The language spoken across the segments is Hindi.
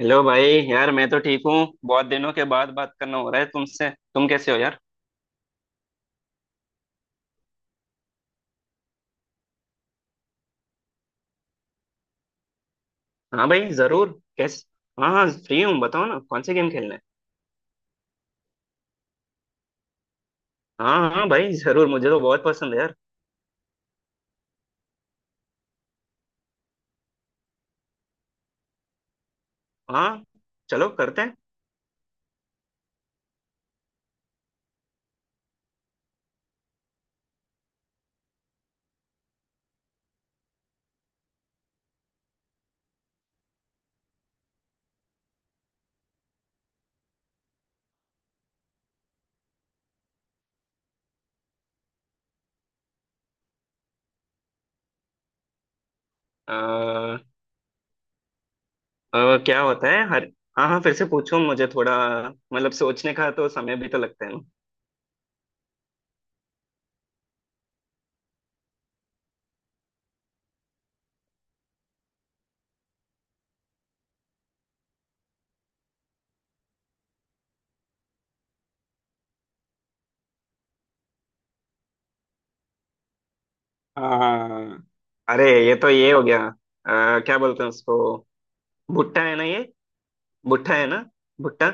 हेलो भाई। यार मैं तो ठीक हूँ। बहुत दिनों के बाद बात करना हो रहा है तुमसे, तुम कैसे हो यार। हाँ भाई जरूर। कैसे? हाँ हाँ फ्री हूँ, बताओ ना कौन से गेम खेलना है। हाँ हाँ भाई जरूर, मुझे तो बहुत पसंद है यार। हाँ, चलो करते हैं। आ, क्या होता है हर। हाँ हाँ, फिर से पूछो, मुझे थोड़ा मतलब सोचने का तो समय भी तो लगता है ना। हाँ हाँ, हाँ। अरे ये तो ये हो गया। क्या बोलते हैं उसको। भुट्टा है ना ये। भुट्टा है ना। भुट्टा।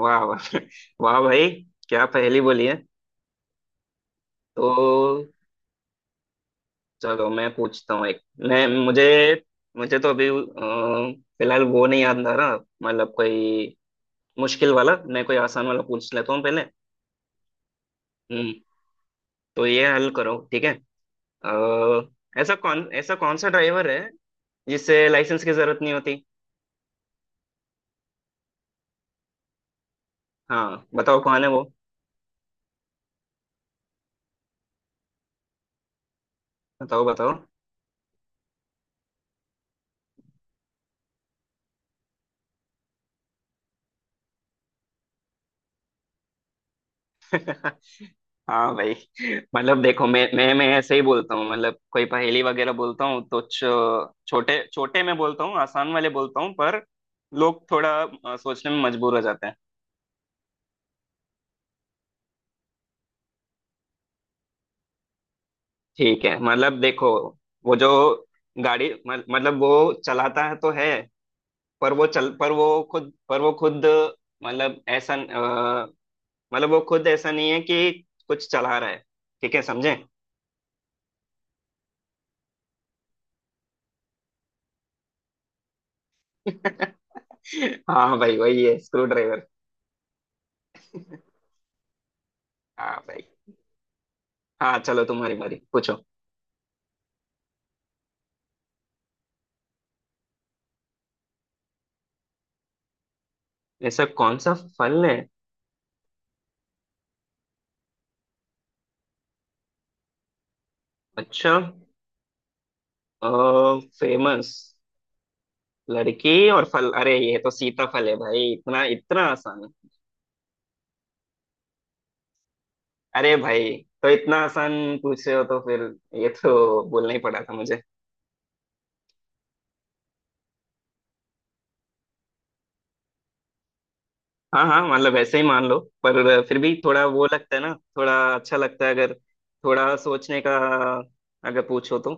वाह वाह। वाह भाई, क्या पहेली बोली है। तो चलो मैं पूछता हूँ एक। मैं मुझे मुझे तो अभी फिलहाल वो नहीं याद आ रहा। मतलब कोई मुश्किल वाला, मैं कोई आसान वाला पूछ लेता हूँ पहले। हम्म। तो ये हल करो, ठीक है। ऐसा कौन सा ड्राइवर है जिससे लाइसेंस की जरूरत नहीं होती। हाँ बताओ कौन है वो। बताओ बताओ। हाँ भाई। मतलब देखो, मैं ऐसे ही बोलता हूँ, मतलब कोई पहेली वगैरह बोलता हूँ तो छोटे छोटे में बोलता हूँ, आसान वाले बोलता हूँ, पर लोग थोड़ा सोचने में मजबूर हो जाते हैं। ठीक है मतलब देखो, वो जो गाड़ी मतलब वो चलाता है तो है, पर वो चल पर वो खुद मतलब ऐसा मतलब वो खुद ऐसा नहीं है कि कुछ चला रहा है। ठीक है समझे। हाँ भाई वही है, स्क्रू ड्राइवर। हाँ भाई। हाँ चलो तुम्हारी बारी, पूछो। ऐसा कौन सा फल है? अच्छा। फेमस। लड़की और फल, अरे ये तो सीताफल है भाई, इतना इतना आसान है। अरे भाई, तो इतना आसान पूछे हो तो फिर ये तो बोलना ही पड़ा था मुझे। हाँ हाँ, मतलब ऐसे ही मान लो, पर फिर भी थोड़ा वो लगता है ना, थोड़ा अच्छा लगता है अगर थोड़ा सोचने का अगर पूछो तो।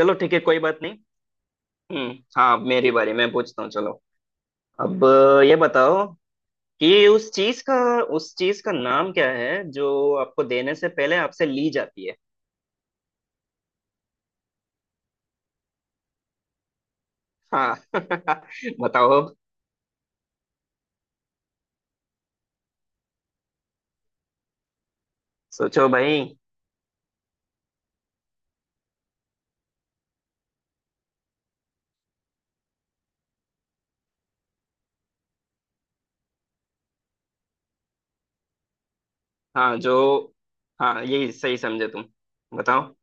चलो ठीक है कोई बात नहीं। हम्म। हाँ अब मेरी बारी, मैं पूछता हूँ चलो। अब ये बताओ, ये उस चीज का नाम क्या है जो आपको देने से पहले आपसे ली जाती है। हाँ। बताओ अब। सोचो भाई। हाँ जो हाँ, यही सही समझे तुम। बताओ।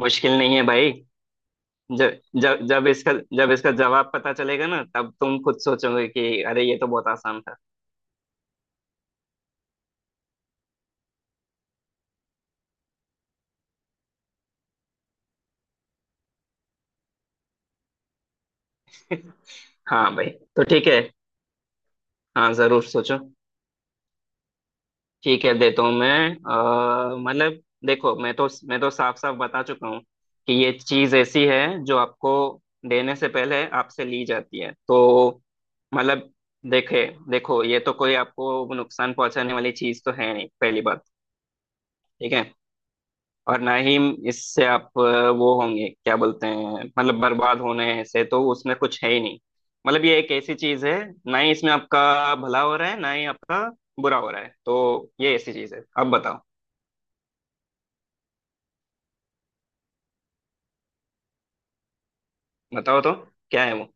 मुश्किल नहीं है भाई। जब जब जब इसका जवाब पता चलेगा ना, तब तुम खुद सोचोगे कि अरे ये तो बहुत आसान था। हाँ भाई। तो ठीक है। हाँ जरूर सोचो। ठीक है, देता हूँ मैं। मतलब देखो, मैं तो साफ साफ बता चुका हूँ कि ये चीज ऐसी है जो आपको देने से पहले आपसे ली जाती है तो मतलब देखे देखो, ये तो कोई आपको नुकसान पहुंचाने वाली चीज तो है नहीं, पहली बात। ठीक है। और ना ही इससे आप वो होंगे, क्या बोलते हैं मतलब बर्बाद होने से तो उसमें कुछ है ही नहीं। मतलब ये एक ऐसी चीज है ना ही इसमें आपका भला हो रहा है, ना ही आपका बुरा हो रहा है, तो ये ऐसी चीज है। अब बताओ। बताओ तो, क्या है वो।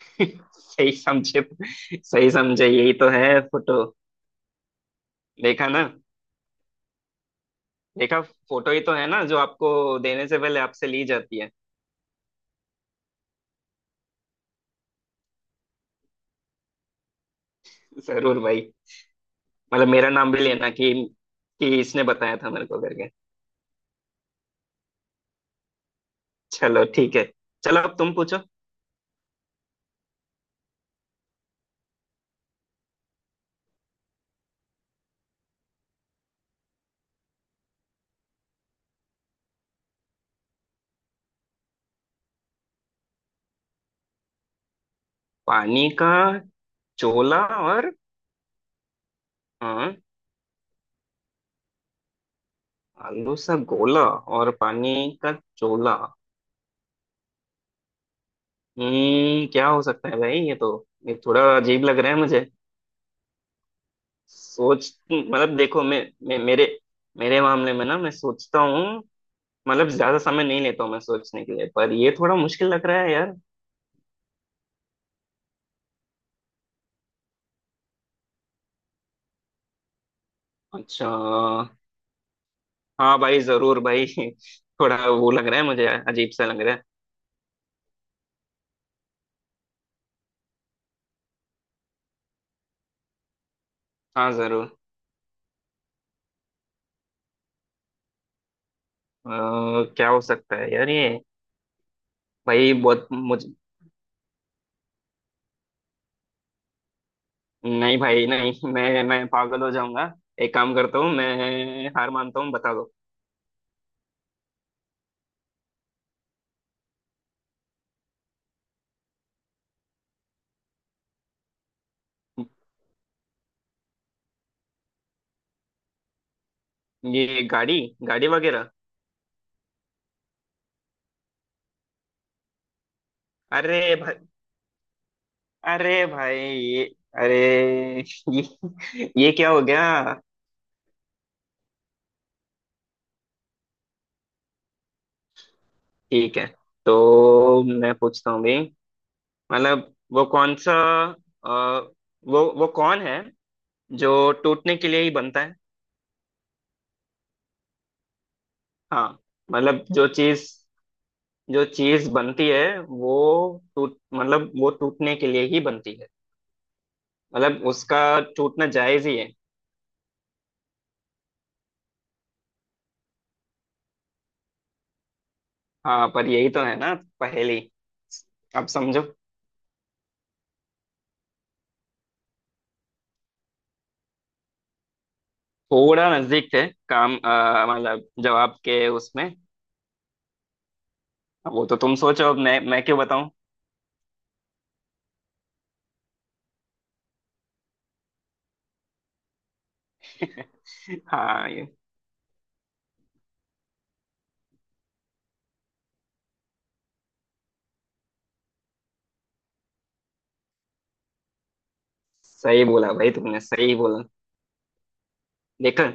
सही समझे। सही समझे, यही तो है, फोटो। देखा ना। देखा। फोटो ही तो है ना जो आपको देने से पहले आपसे ली जाती है। जरूर भाई, मतलब मेरा नाम भी लेना कि इसने बताया था मेरे को करके। चलो ठीक है। चलो अब तुम पूछो। पानी का चोला। और, हाँ। आलू सा गोला। और पानी का चोला। हम्म, क्या हो सकता है भाई ये तो। ये थोड़ा अजीब लग रहा है मुझे। सोच मतलब देखो, मैं मेरे मेरे मामले में ना मैं सोचता हूँ, मतलब ज्यादा समय नहीं लेता हूँ मैं सोचने के लिए, पर ये थोड़ा मुश्किल लग रहा है यार। अच्छा। हाँ भाई जरूर भाई। थोड़ा वो लग रहा है मुझे, अजीब सा लग रहा है। हाँ जरूर। अ, क्या हो सकता है यार ये। भाई बहुत मुझ नहीं भाई नहीं, मैं पागल हो जाऊंगा। एक काम करता हूँ, मैं हार मानता हूँ, बता दो। ये गाड़ी, गाड़ी वगैरह। अरे भाई। अरे भाई ये, अरे ये, ये क्या हो गया। ठीक है तो मैं पूछता हूँ भी, मतलब वो कौन सा अ, वो कौन है जो टूटने के लिए ही बनता है। हाँ मतलब जो चीज बनती है वो टूट मतलब वो टूटने के लिए ही बनती है, मतलब उसका टूटना जायज ही है। हाँ पर यही तो है ना पहेली। अब समझो। थोड़ा नजदीक थे काम मतलब जवाब के उसमें। वो तो तुम सोचो, अब मैं क्यों बताऊं। हाँ ये। सही बोला भाई, तुमने सही बोला। देखा।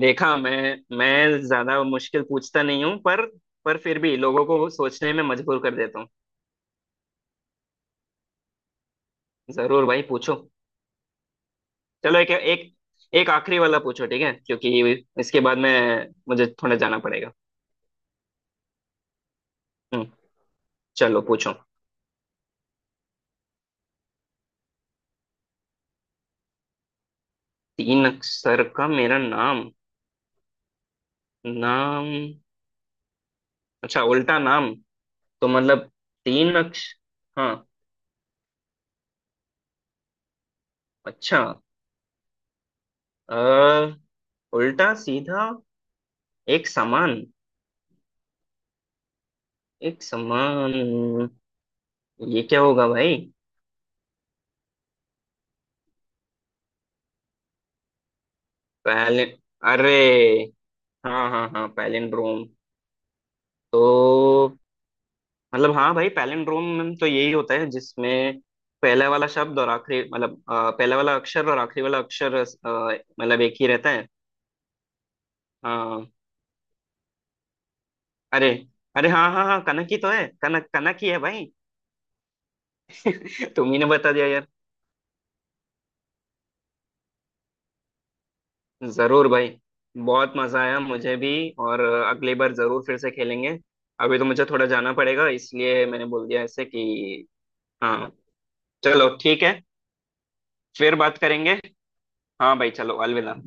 देखा, मैं ज्यादा मुश्किल पूछता नहीं हूँ, पर फिर भी लोगों को सोचने में मजबूर कर देता हूँ। जरूर भाई पूछो। चलो एक एक एक आखिरी वाला पूछो ठीक है क्योंकि इसके बाद मैं मुझे थोड़ा जाना पड़ेगा। हम्म। चलो पूछो। तीन अक्षर का मेरा नाम। नाम, अच्छा उल्टा नाम, तो मतलब तीन अक्ष हाँ अच्छा। अ, उल्टा सीधा एक समान। एक समान। ये क्या होगा भाई? पहले, अरे हाँ हाँ हाँ, पैलिंड्रोम। तो मतलब हाँ भाई, पैलिंड्रोम में तो यही होता है जिसमें पहला वाला शब्द और आखिरी मतलब पहला वाला अक्षर और आखिरी वाला अक्षर मतलब एक ही रहता है। हाँ। अरे, अरे हाँ हाँ हाँ कनक ही तो है, कनक कनक ही है भाई। तुम ही ने बता दिया यार। जरूर भाई, बहुत मजा आया मुझे भी। और अगली बार जरूर फिर से खेलेंगे। अभी तो मुझे थोड़ा जाना पड़ेगा, इसलिए मैंने बोल दिया ऐसे कि। हाँ चलो ठीक है, फिर बात करेंगे। हाँ भाई चलो, अलविदा।